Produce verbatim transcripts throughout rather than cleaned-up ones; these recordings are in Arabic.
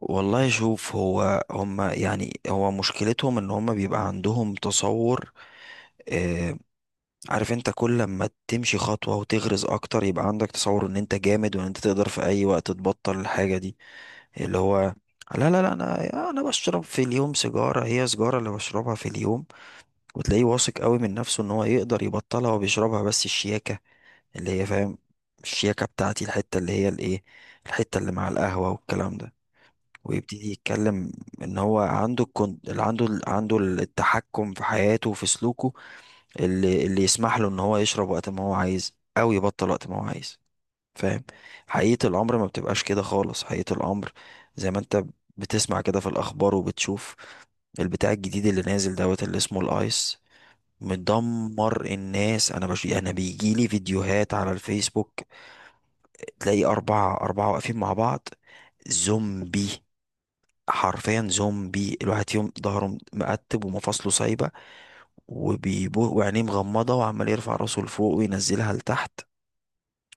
والله، شوف، هو هما يعني هو مشكلتهم ان هما بيبقى عندهم تصور. آه. عارف انت، كل لما تمشي خطوة وتغرز اكتر، يبقى عندك تصور ان انت جامد، وان انت تقدر في اي وقت تبطل الحاجة دي. اللي هو، لا، لا، لا، انا انا بشرب في اليوم سيجارة، هي سيجارة اللي بشربها في اليوم. وتلاقيه واثق قوي من نفسه ان هو يقدر يبطلها، وبيشربها بس الشياكة. اللي هي، فاهم؟ الشياكة بتاعتي، الحتة اللي هي الايه، الحتة اللي مع القهوة والكلام ده. ويبتدي يتكلم ان هو عنده الكون... عنده ال- عنده التحكم في حياته وفي سلوكه. اللي اللي يسمح له ان هو يشرب وقت ما هو عايز، او يبطل وقت ما هو عايز. فاهم؟ حقيقة الامر ما بتبقاش كده خالص، حقيقة الامر. زي ما انت بتسمع كده في الاخبار وبتشوف، البتاع الجديد اللي نازل دوت، اللي اسمه الايس، مدمر الناس. انا بش... انا بيجيلي فيديوهات على الفيسبوك، تلاقي اربعة اربعة واقفين مع بعض، زومبي، حرفيا زومبي، الواحد فيهم ظهره مقتب ومفاصله سايبة، وبيبو وعينيه مغمضة، وعمال يرفع راسه لفوق وينزلها لتحت،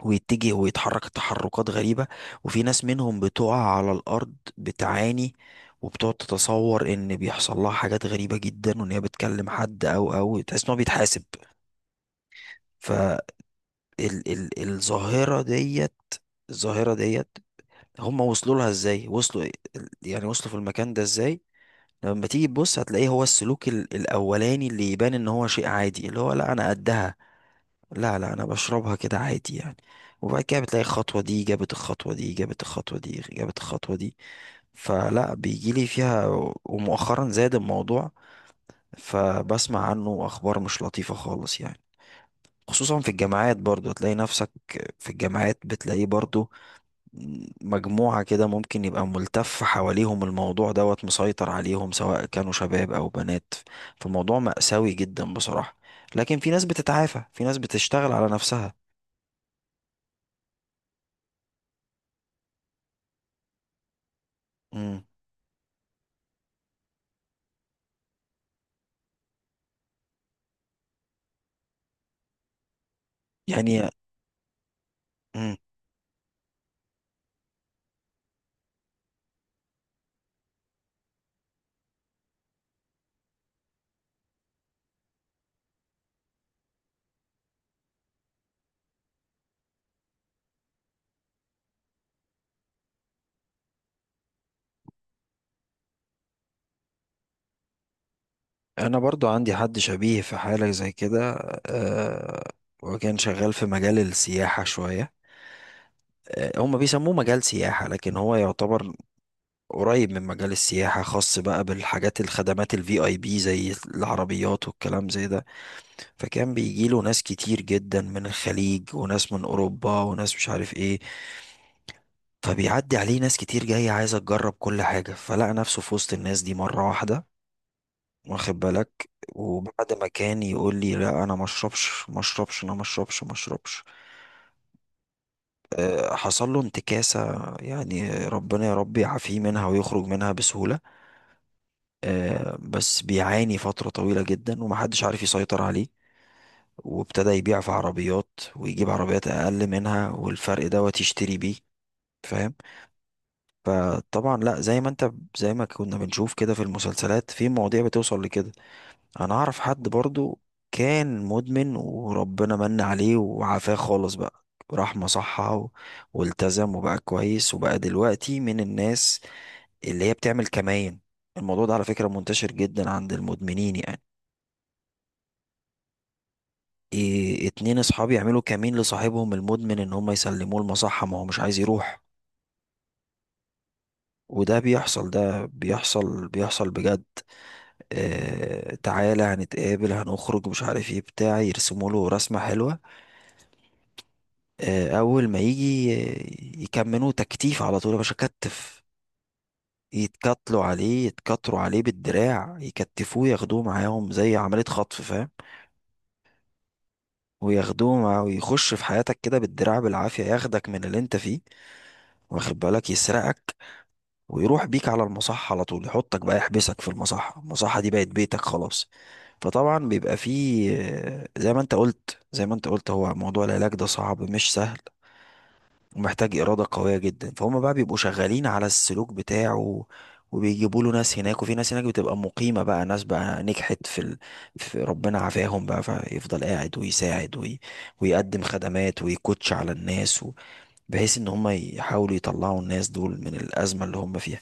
ويتجه ويتحرك تحركات غريبة. وفي ناس منهم بتقع على الأرض بتعاني، وبتقعد تتصور إن بيحصل لها حاجات غريبة جدا، وإن هي بتكلم حد، أو أو تحس إن هو بيتحاسب. فالظاهرة ديت الظاهرة ديت، هم وصلوا لها إزاي، وصلوا إيه؟ يعني وصلوا في المكان ده إزاي؟ لما تيجي تبص هتلاقيه هو السلوك ال- الاولاني اللي يبان ان هو شيء عادي، اللي هو لا انا قدها، لا، لا، انا بشربها كده عادي يعني. وبعد كده بتلاقي الخطوة دي جابت الخطوة دي، جابت الخطوة دي، جابت الخطوة دي. فلا بيجيلي فيها. ومؤخرا زاد الموضوع، فبسمع عنه اخبار مش لطيفة خالص يعني. خصوصا في الجامعات برضو تلاقي نفسك، في الجامعات بتلاقيه برضو، مجموعة كده ممكن يبقى ملتف حواليهم الموضوع دوت مسيطر عليهم، سواء كانوا شباب أو بنات. فالموضوع مأساوي جدا بصراحة. لكن في ناس بتتعافى، في ناس بتشتغل على نفسها. مم. يعني. مم. أنا برضو عندي حد شبيه في حالة زي كده. أه. وكان شغال في مجال السياحة شوية. أه، هم بيسموه مجال سياحة لكن هو يعتبر قريب من مجال السياحة، خاص بقى بالحاجات الخدمات الفي اي بي زي العربيات والكلام زي ده. فكان بيجيله ناس كتير جدا من الخليج، وناس من اوروبا، وناس مش عارف ايه. فبيعدي عليه ناس كتير جاية عايزة تجرب كل حاجة، فلقى نفسه في وسط الناس دي مرة واحدة. واخد بالك. وبعد ما كان يقول لي لا انا ما اشربش ما اشربش، انا ما اشربش ما اشربش. آه، حصل له انتكاسة يعني، ربنا يا رب يعافيه منها ويخرج منها بسهولة. آه، بس بيعاني فترة طويلة جدا، ومحدش عارف يسيطر عليه. وابتدى يبيع في عربيات ويجيب عربيات اقل منها، والفرق دوت يشتري بيه. فاهم؟ فطبعا لا، زي ما انت، زي ما كنا بنشوف كده في المسلسلات، في مواضيع بتوصل لكده. انا اعرف حد برضو كان مدمن، وربنا من عليه وعافاه خالص بقى. راح مصحة و- والتزم وبقى كويس، وبقى دلوقتي من الناس اللي هي بتعمل كمائن. الموضوع ده على فكرة منتشر جدا عند المدمنين يعني. إيه، اتنين اصحابي يعملوا كمين لصاحبهم المدمن ان هم يسلموه المصحة، ما هو مش عايز يروح. وده بيحصل، ده بيحصل بيحصل بجد. اه، تعالى هنتقابل هنخرج مش عارف ايه بتاع، يرسموا له رسمة حلوة. اه، اول ما يجي آه، يكملوه تكتيف على طول يا باشا كتف. يتكتلوا عليه، يتكتروا عليه بالدراع، يكتفوه، ياخدوه معاهم زي عملية خطف، فاهم؟ وياخدوه مع ويخش في حياتك كده بالدراع بالعافية، ياخدك من اللي انت فيه. واخد بالك، يسرقك، ويروح بيك على المصحة على طول، يحطك بقى يحبسك في المصحة. المصحة دي بقت بيتك خلاص. فطبعا بيبقى فيه آه، زي ما انت قلت زي ما انت قلت، هو موضوع العلاج ده صعب مش سهل. ومحتاج إرادة قوية جدا، فهم بقى بيبقوا شغالين على السلوك بتاعه. وبيجيبوا له ناس هناك، وفي ناس هناك بتبقى مقيمة بقى، ناس بقى نجحت في, ال... في ربنا عافاهم بقى، فيفضل قاعد ويساعد وي... ويقدم خدمات، ويكوتش على الناس، بحيث ان هم يحاولوا يطلعوا الناس دول من الازمه اللي هم فيها.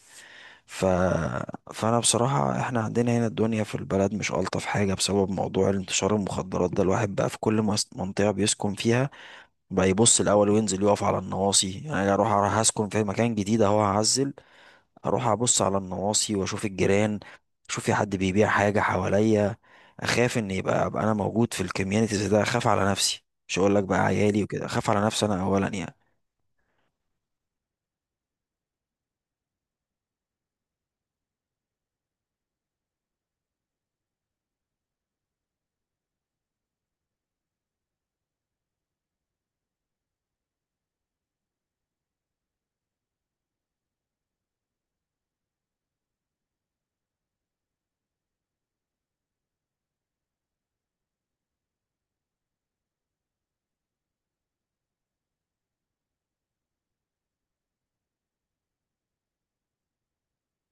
ف... فانا بصراحه احنا عندنا هنا الدنيا في البلد مش الطف حاجه بسبب موضوع الانتشار المخدرات ده، الواحد بقى في كل مس- منطقه بيسكن فيها بقى يبص الاول وينزل يقف على النواصي، يعني انا اروح اروح اسكن في مكان جديد اهو هعزل، اروح ابص على النواصي واشوف الجيران، اشوف في حد بيبيع حاجه حواليا، اخاف ان يبقى ابقى انا موجود في الكوميونيتيز ده، اخاف على نفسي، مش هقول لك بقى عيالي وكده، اخاف على نفسي انا اولا يعني.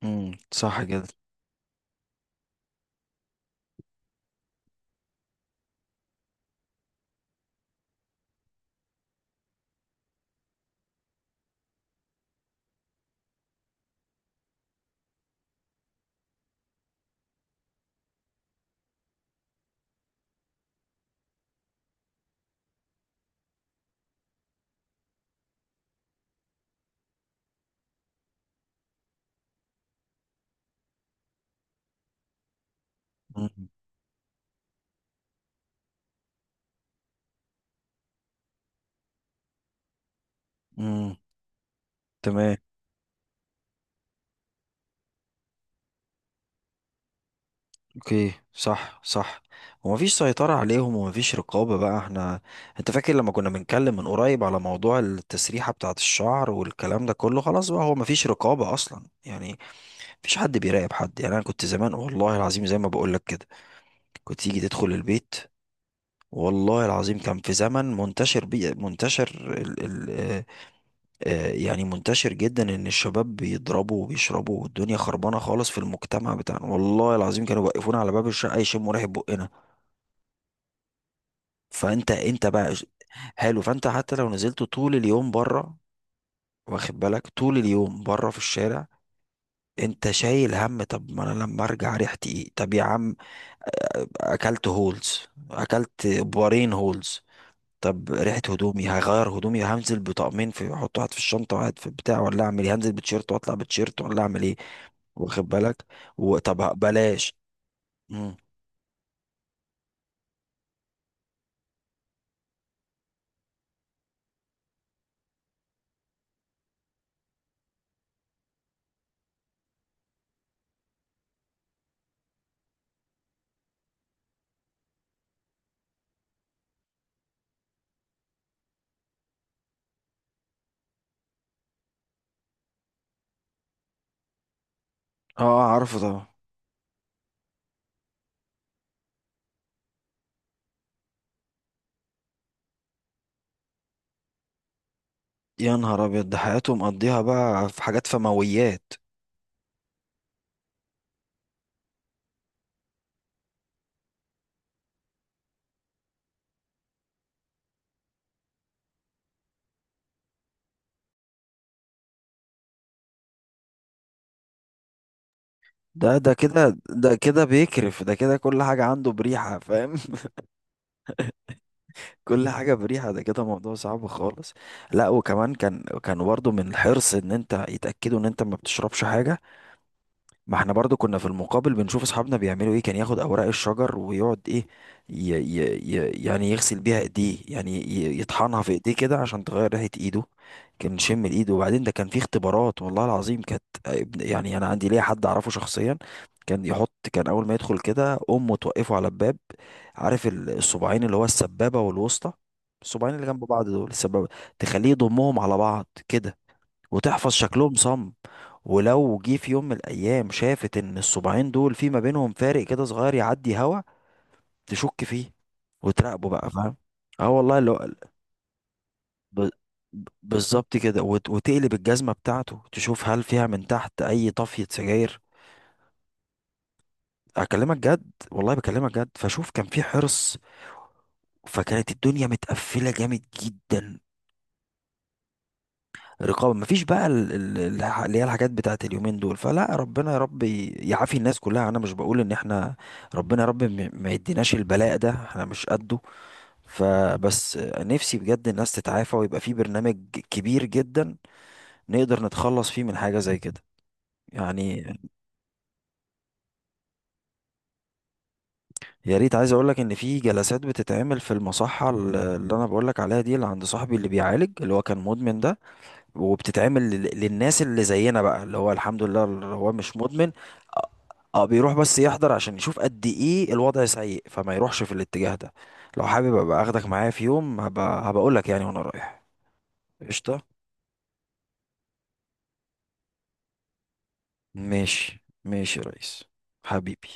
امم صح كده. امم. امم. تمام. اوكي، صح، صح. ومفيش سيطرة عليهم، ومفيش رقابة بقى، احنا، انت فاكر لما كنا بنتكلم من قريب على موضوع التسريحة بتاعة الشعر والكلام ده كله؟ خلاص بقى هو مفيش رقابة اصلا يعني. مفيش حد بيراقب حد يعني، انا كنت زمان والله العظيم زي ما بقول لك كده، كنت تيجي تدخل البيت، والله العظيم كان في زمن منتشر بي منتشر. آه، يعني منتشر جدا ان الشباب بيضربوا وبيشربوا، والدنيا خربانه خالص في المجتمع بتاعنا، والله العظيم كانوا بيوقفونا على باب الشقه يشموا ريحه بقنا. فانت انت بقى إيش- حلو، فانت حتى لو نزلت طول اليوم بره، واخد بالك، طول اليوم بره في الشارع. انت شايل هم، طب ما انا لما ارجع ريحتي ايه؟ طب يا عم، آه، اكلت هولز، اكلت بارين هولز. طب ريحه هدومي، هغير هدومي؟ هنزل بطقمين، في احط واحد في الشنطه واحد في البتاع، ولا اعمل ايه؟ هنزل بتيشيرت واطلع بتيشيرت، ولا اعمل ايه؟ واخد بالك. وطب بلاش. مم. اه، عارفه طبعا. يا نهار ابيض، ده حياته مقضيها بقى في حاجات فمويات. ده ده كده، ده كده بيكرف، ده كده كل حاجة عنده بريحة، فاهم؟ كل حاجة بريحة، ده كده موضوع صعب خالص. لا، وكمان كان كان برضه من الحرص ان انت يتأكدوا ان انت ما بتشربش حاجة. ما احنا برضو كنا في المقابل بنشوف اصحابنا بيعملوا ايه، كان ياخد اوراق الشجر ويقعد ايه ي ي ي يعني يغسل بيها ايديه، يعني ي- يطحنها في ايديه كده عشان تغير ريحة ايده. كان شم الايد. وبعدين ده كان في اختبارات والله العظيم كانت ابن- يعني انا عندي ليا حد اعرفه شخصيا، كان يحط كان اول ما يدخل كده، امه توقفه على الباب. عارف ال- الصباعين اللي هو السبابة والوسطى، الصباعين اللي جنب بعض دول السبابة، تخليه يضمهم على بعض كده، وتحفظ شكلهم صم. ولو جه في يوم من الايام شافت ان الصباعين دول في ما بينهم فارق كده صغير يعدي هوا، تشك فيه، وتراقبه بقى، فاهم؟ اه، والله اللي هو، ب- ب- بالظبط كده، وت- وتقلب الجزمه بتاعته تشوف هل فيها من تحت اي طفيه سجاير. اكلمك جد، والله بكلمك جد، فشوف كان في حرص، فكانت الدنيا متقفله جامد جدا. رقابة مفيش بقى ال- ال- الح- اللي هي الحاجات بتاعت اليومين دول، فلا ربنا يا رب ي- يعافي الناس كلها، انا مش بقول ان احنا، ربنا يا رب م- ما يديناش البلاء ده، احنا مش قده. فبس نفسي بجد الناس تتعافى، ويبقى في برنامج كبير جدا نقدر نتخلص فيه من حاجة زي كده، يعني. يا ريت، عايز اقول لك ان في جلسات بتتعمل في المصحة ال- اللي انا بقول لك عليها دي، اللي عند صاحبي اللي بيعالج اللي هو كان مدمن ده، وبتتعمل لل- للناس اللي زينا بقى، اللي هو الحمد لله اللي هو مش مدمن. اه. آه، بيروح بس يحضر عشان يشوف قد ايه الوضع سيء، فما يروحش في الاتجاه ده. لو حابب ابقى اخدك معايا في يوم، هبقى هبقول لك يعني وانا رايح. قشطة. ماشي ماشي يا ريس. حبيبي.